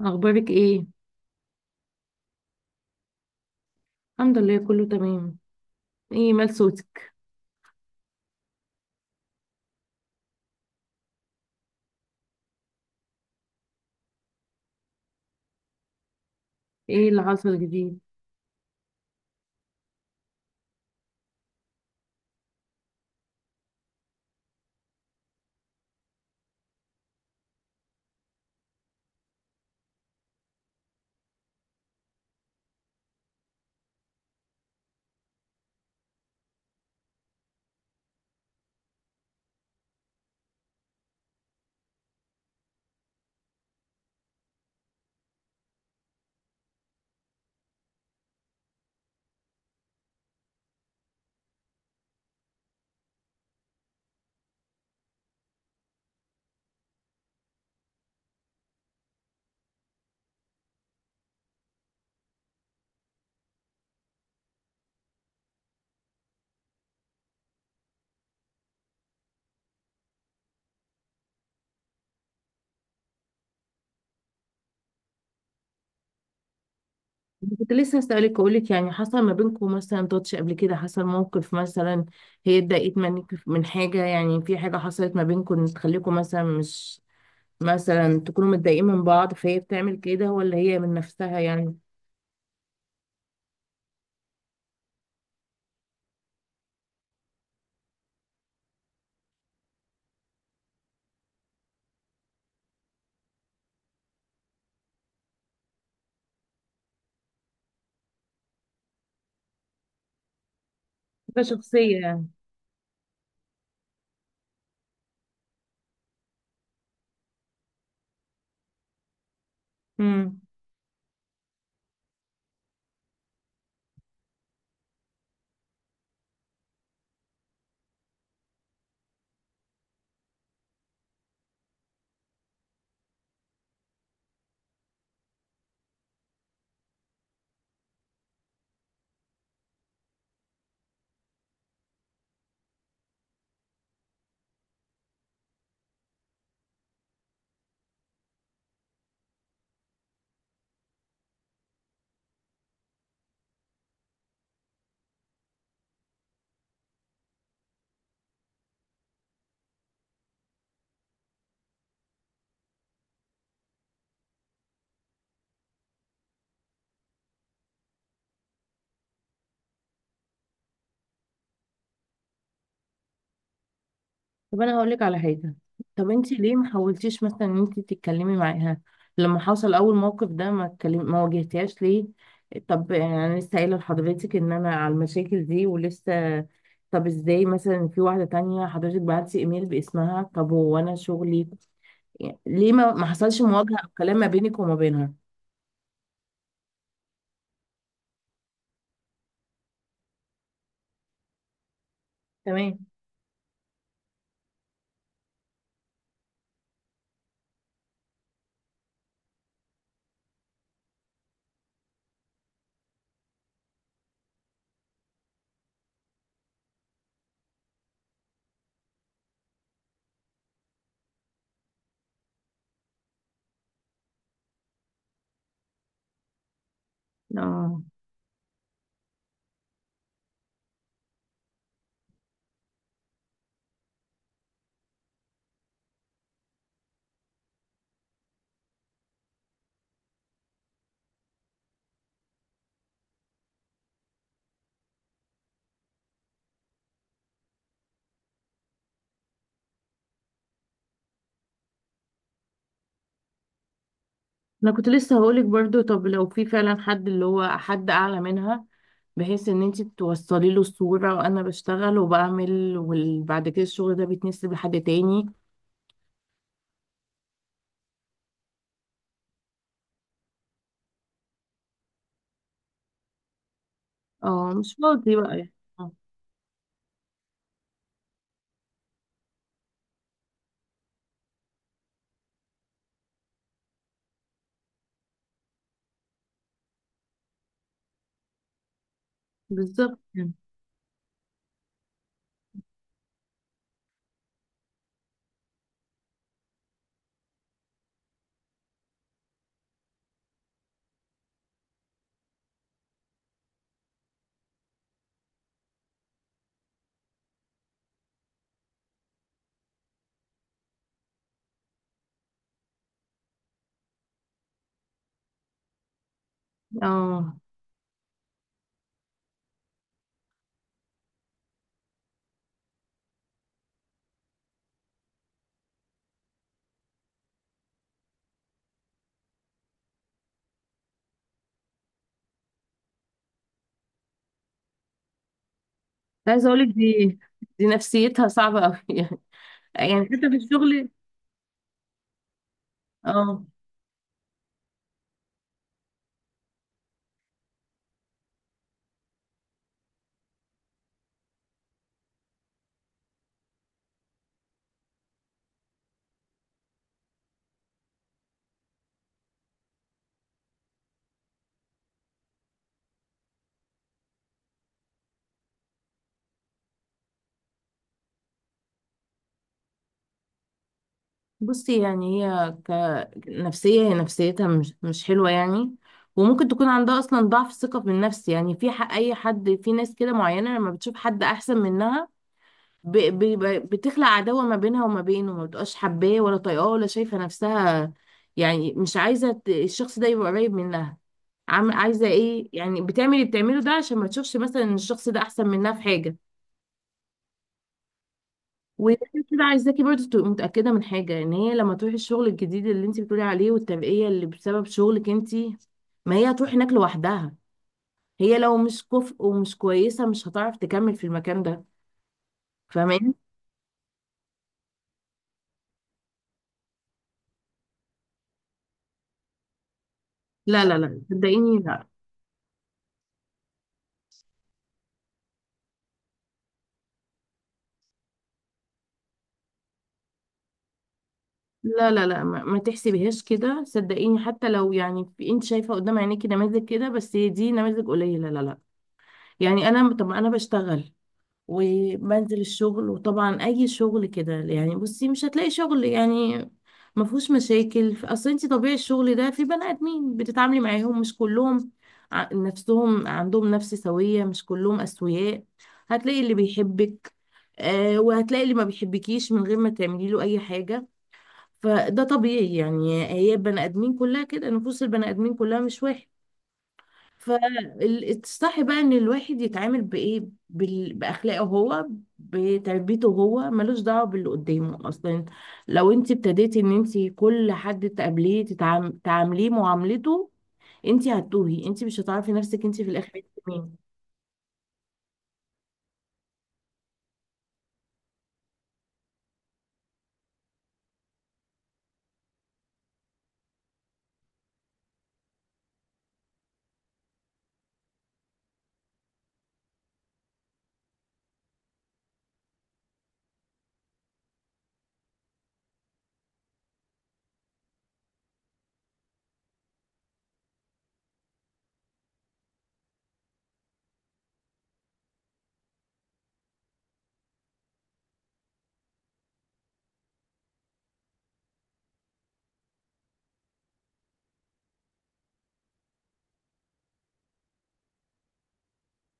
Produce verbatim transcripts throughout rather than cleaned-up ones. اخبارك ايه؟ الحمد لله كله تمام. ايه مال صوتك؟ ايه اللي حصل جديد؟ كنت لسه اسالك اقول لك، يعني حصل ما بينكم مثلا تاتش قبل كده؟ حصل موقف مثلا؟ هي اتضايقت منك من حاجه؟ يعني في حاجه حصلت ما بينكم تخليكم مثلا مش مثلا تكونوا متضايقين من بعض، فهي بتعمل كده؟ ولا هي من نفسها يعني؟ ده شخصيه يعني. امم طب انا هقول لك على حاجه. طب انت ليه ما حاولتيش مثلا ان انت تتكلمي معاها لما حصل اول موقف ده؟ ما اتكلم، ما واجهتيهاش ليه؟ طب يعني انا لسه قايله لحضرتك ان انا على المشاكل دي ولسه، طب ازاي مثلا في واحده تانية حضرتك بعتي ايميل باسمها؟ طب هو انا شغلي، يعني ليه ما ما حصلش مواجهه او كلام ما بينك وما بينها؟ تمام. اه، انا كنت لسه هقولك برضو، طب لو في فعلا حد اللي هو حد اعلى منها، بحيث ان انت توصلي له الصورة وانا بشتغل وبعمل وبعد كده الشغل ده بيتنسب لحد تاني. اه، مش فاضي بقى يعني. آه، بالظبط يعني. اه، عايزه اقولك دي، دي نفسيتها صعبة قوي يعني، يعني حتى في الشغل. اه، بصي يعني هي، كنفسية هي نفسيتها مش مش حلوة يعني، وممكن تكون عندها أصلا ضعف الثقة بالنفس يعني في حق أي حد. في ناس كده معينة لما بتشوف حد أحسن منها، ب- ب- ب- بتخلق عداوة ما بينها وما بينه، ما بتبقاش حباه ولا طايقاه ولا شايفة نفسها. يعني مش عايزة ت- الشخص ده يبقى قريب منها. عم عايزة إيه يعني؟ بتعمل اللي بتعمله ده عشان ما تشوفش مثلا إن الشخص ده أحسن منها في حاجة. وغير كده، عايزاكي برضه تبقي متأكدة من حاجة، ان هي لما تروحي الشغل الجديد اللي انت بتقولي عليه والترقية اللي بسبب شغلك انت، ما هي هتروح هناك لوحدها. هي لو مش كفء ومش كويسة، مش هتعرف تكمل في المكان ده، فاهماني؟ لا لا لا، صدقيني، لا. لا لا لا، ما, ما تحسبيهاش كده، صدقيني. حتى لو يعني في- انت شايفة قدام عينيكي نماذج كده، بس هي دي نماذج قليلة، لا لا. يعني انا، طب انا بشتغل وبنزل الشغل، وطبعا اي شغل كده يعني، بصي مش هتلاقي شغل يعني ما فيهوش مشاكل، اصل انت طبيعي الشغل ده في بني ادمين بتتعاملي معاهم، مش كلهم ع- نفسهم عندهم نفس سوية، مش كلهم اسوياء. هتلاقي اللي بيحبك، آه، وهتلاقي اللي ما بيحبكيش من غير ما تعملي له اي حاجة. فده طبيعي يعني، هي البني ادمين كلها كده، نفوس البني ادمين كلها مش واحد. فالصح بقى ان الواحد يتعامل بايه؟ بال- باخلاقه هو، بتربيته هو، ملوش دعوه باللي قدامه اصلا. لو انت ابتديتي ان انت كل حد تقابليه تتعام- تعامليه معاملته، انت هتتوهي، انت مش هتعرفي نفسك، انت في الاخر انت مين؟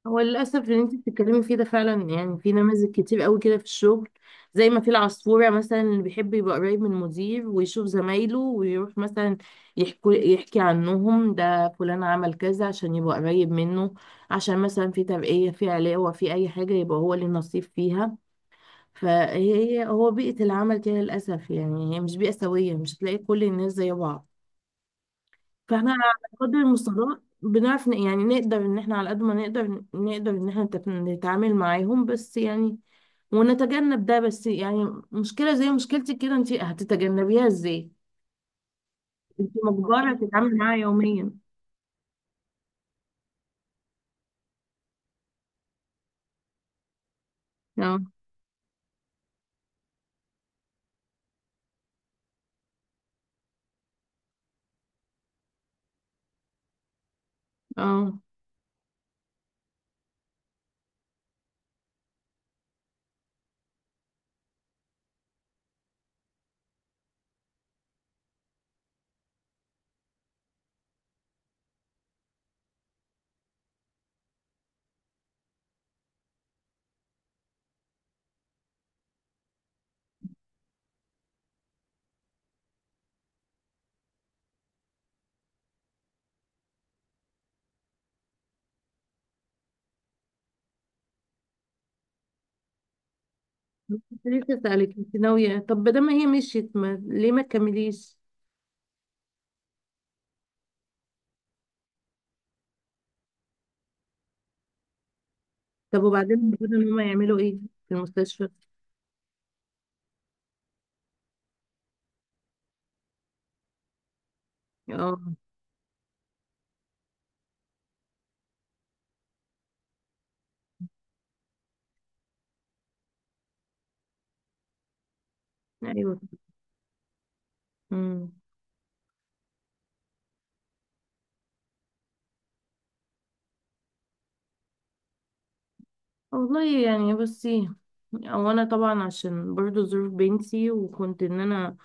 هو للأسف اللي انت بتتكلمي فيه ده فعلا يعني، في نماذج كتير قوي كده في الشغل، زي ما في العصفورة مثلا اللي بيحب يبقى قريب من المدير ويشوف زمايله ويروح مثلا يحكوا يحكي عنهم، ده فلان عمل كذا، عشان يبقى قريب منه، عشان مثلا في ترقية، في علاوة، في أي حاجة يبقى هو اللي نصيب فيها. فهي هو بيئة العمل كده للأسف يعني، هي مش بيئة سوية، مش هتلاقي كل الناس زي بعض. فاحنا على قدر المستطاع بنعرف ن- يعني نقدر ان احنا على قد ما نقدر ن- نقدر ان احنا نت- نتعامل معاهم بس يعني، ونتجنب ده. بس يعني مشكلة زي مشكلتك كده، انت هتتجنبيها ازاي؟ انت مجبرة تتعاملي معاها يوميا. اه. اه، كنت لسه اسألك، انت ناوية؟ طب بدل ما هي مشيت ما... ليه ما تكمليش؟ طب وبعدين المفروض ان هم يعملوا ايه في المستشفى؟ اه. ايوه. مم. والله يعني بصي، او انا طبعا عشان برضو ظروف بنتي، وكنت ان انا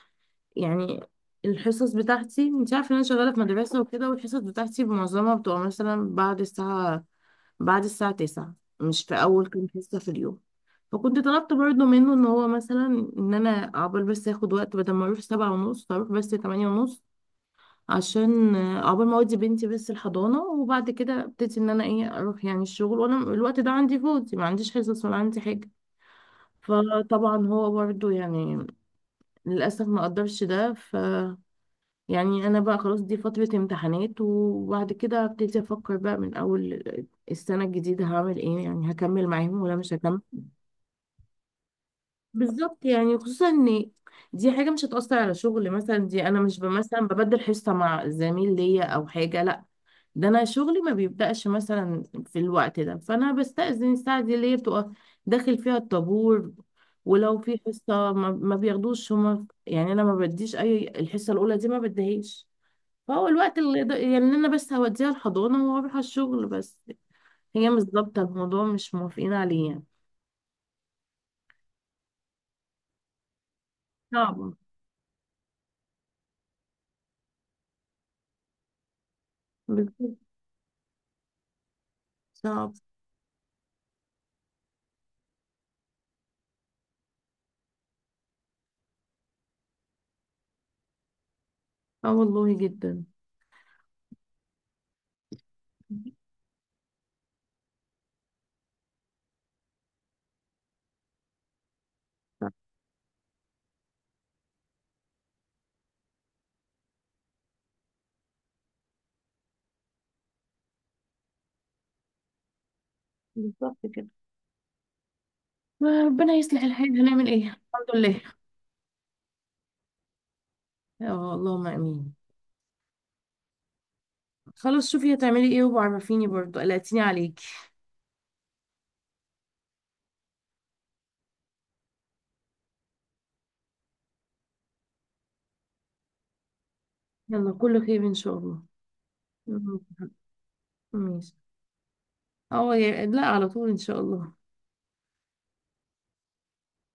يعني، الحصص بتاعتي انت عارفه ان انا شغاله في مدرسه وكده، والحصص بتاعتي معظمها بتبقى مثلا بعد الساعه، بعد الساعه تسعة، مش في اول كام حصه في اليوم. فكنت طلبت برضو منه ان هو مثلا، ان انا عقبال بس اخد وقت، بدل ما اروح سبعة ونص اروح بس تمانية ونص، عشان آه، عقبال ما اودي بنتي بس الحضانه، وبعد كده ابتدي ان انا ايه، اروح يعني الشغل وانا الوقت ده عندي فاضي، ما عنديش حصص ولا عندي حاجه. فطبعا هو برضو يعني للاسف ما قدرش، ده ف، يعني انا بقى خلاص دي فتره امتحانات، وبعد كده ابتدي افكر بقى من اول السنه الجديده هعمل ايه، يعني هكمل معاهم ولا مش هكمل. بالظبط يعني، خصوصا ان دي حاجة مش هتأثر على شغل مثلا، دي انا مش ب- مثلا ببدل حصة مع زميل ليا او حاجة، لا، ده انا شغلي ما بيبدأش مثلا في الوقت ده، فانا بستأذن الساعة دي اللي هي بتبقى داخل فيها الطابور. ولو في حصة ما, ما بياخدوش هما يعني، انا ما بديش اي، الحصة الاولى دي ما بديهاش. فهو الوقت اللي ده يعني، إن انا بس هوديها الحضانة واروح على الشغل بس. هي مش ظابطة، الموضوع مش موافقين عليه يعني. صعبة. بالظبط. صعب. اه والله، جدا. بالظبط كده. ربنا يصلح الحال، هنعمل ايه، الحمد لله. اه، اللهم امين. خلاص شوفي هتعملي ايه وعرفيني برضو، قلقتيني عليكي. يلا كله خير ان شاء الله. مم. ماشي. اه يا- لا، على طول ان شاء الله.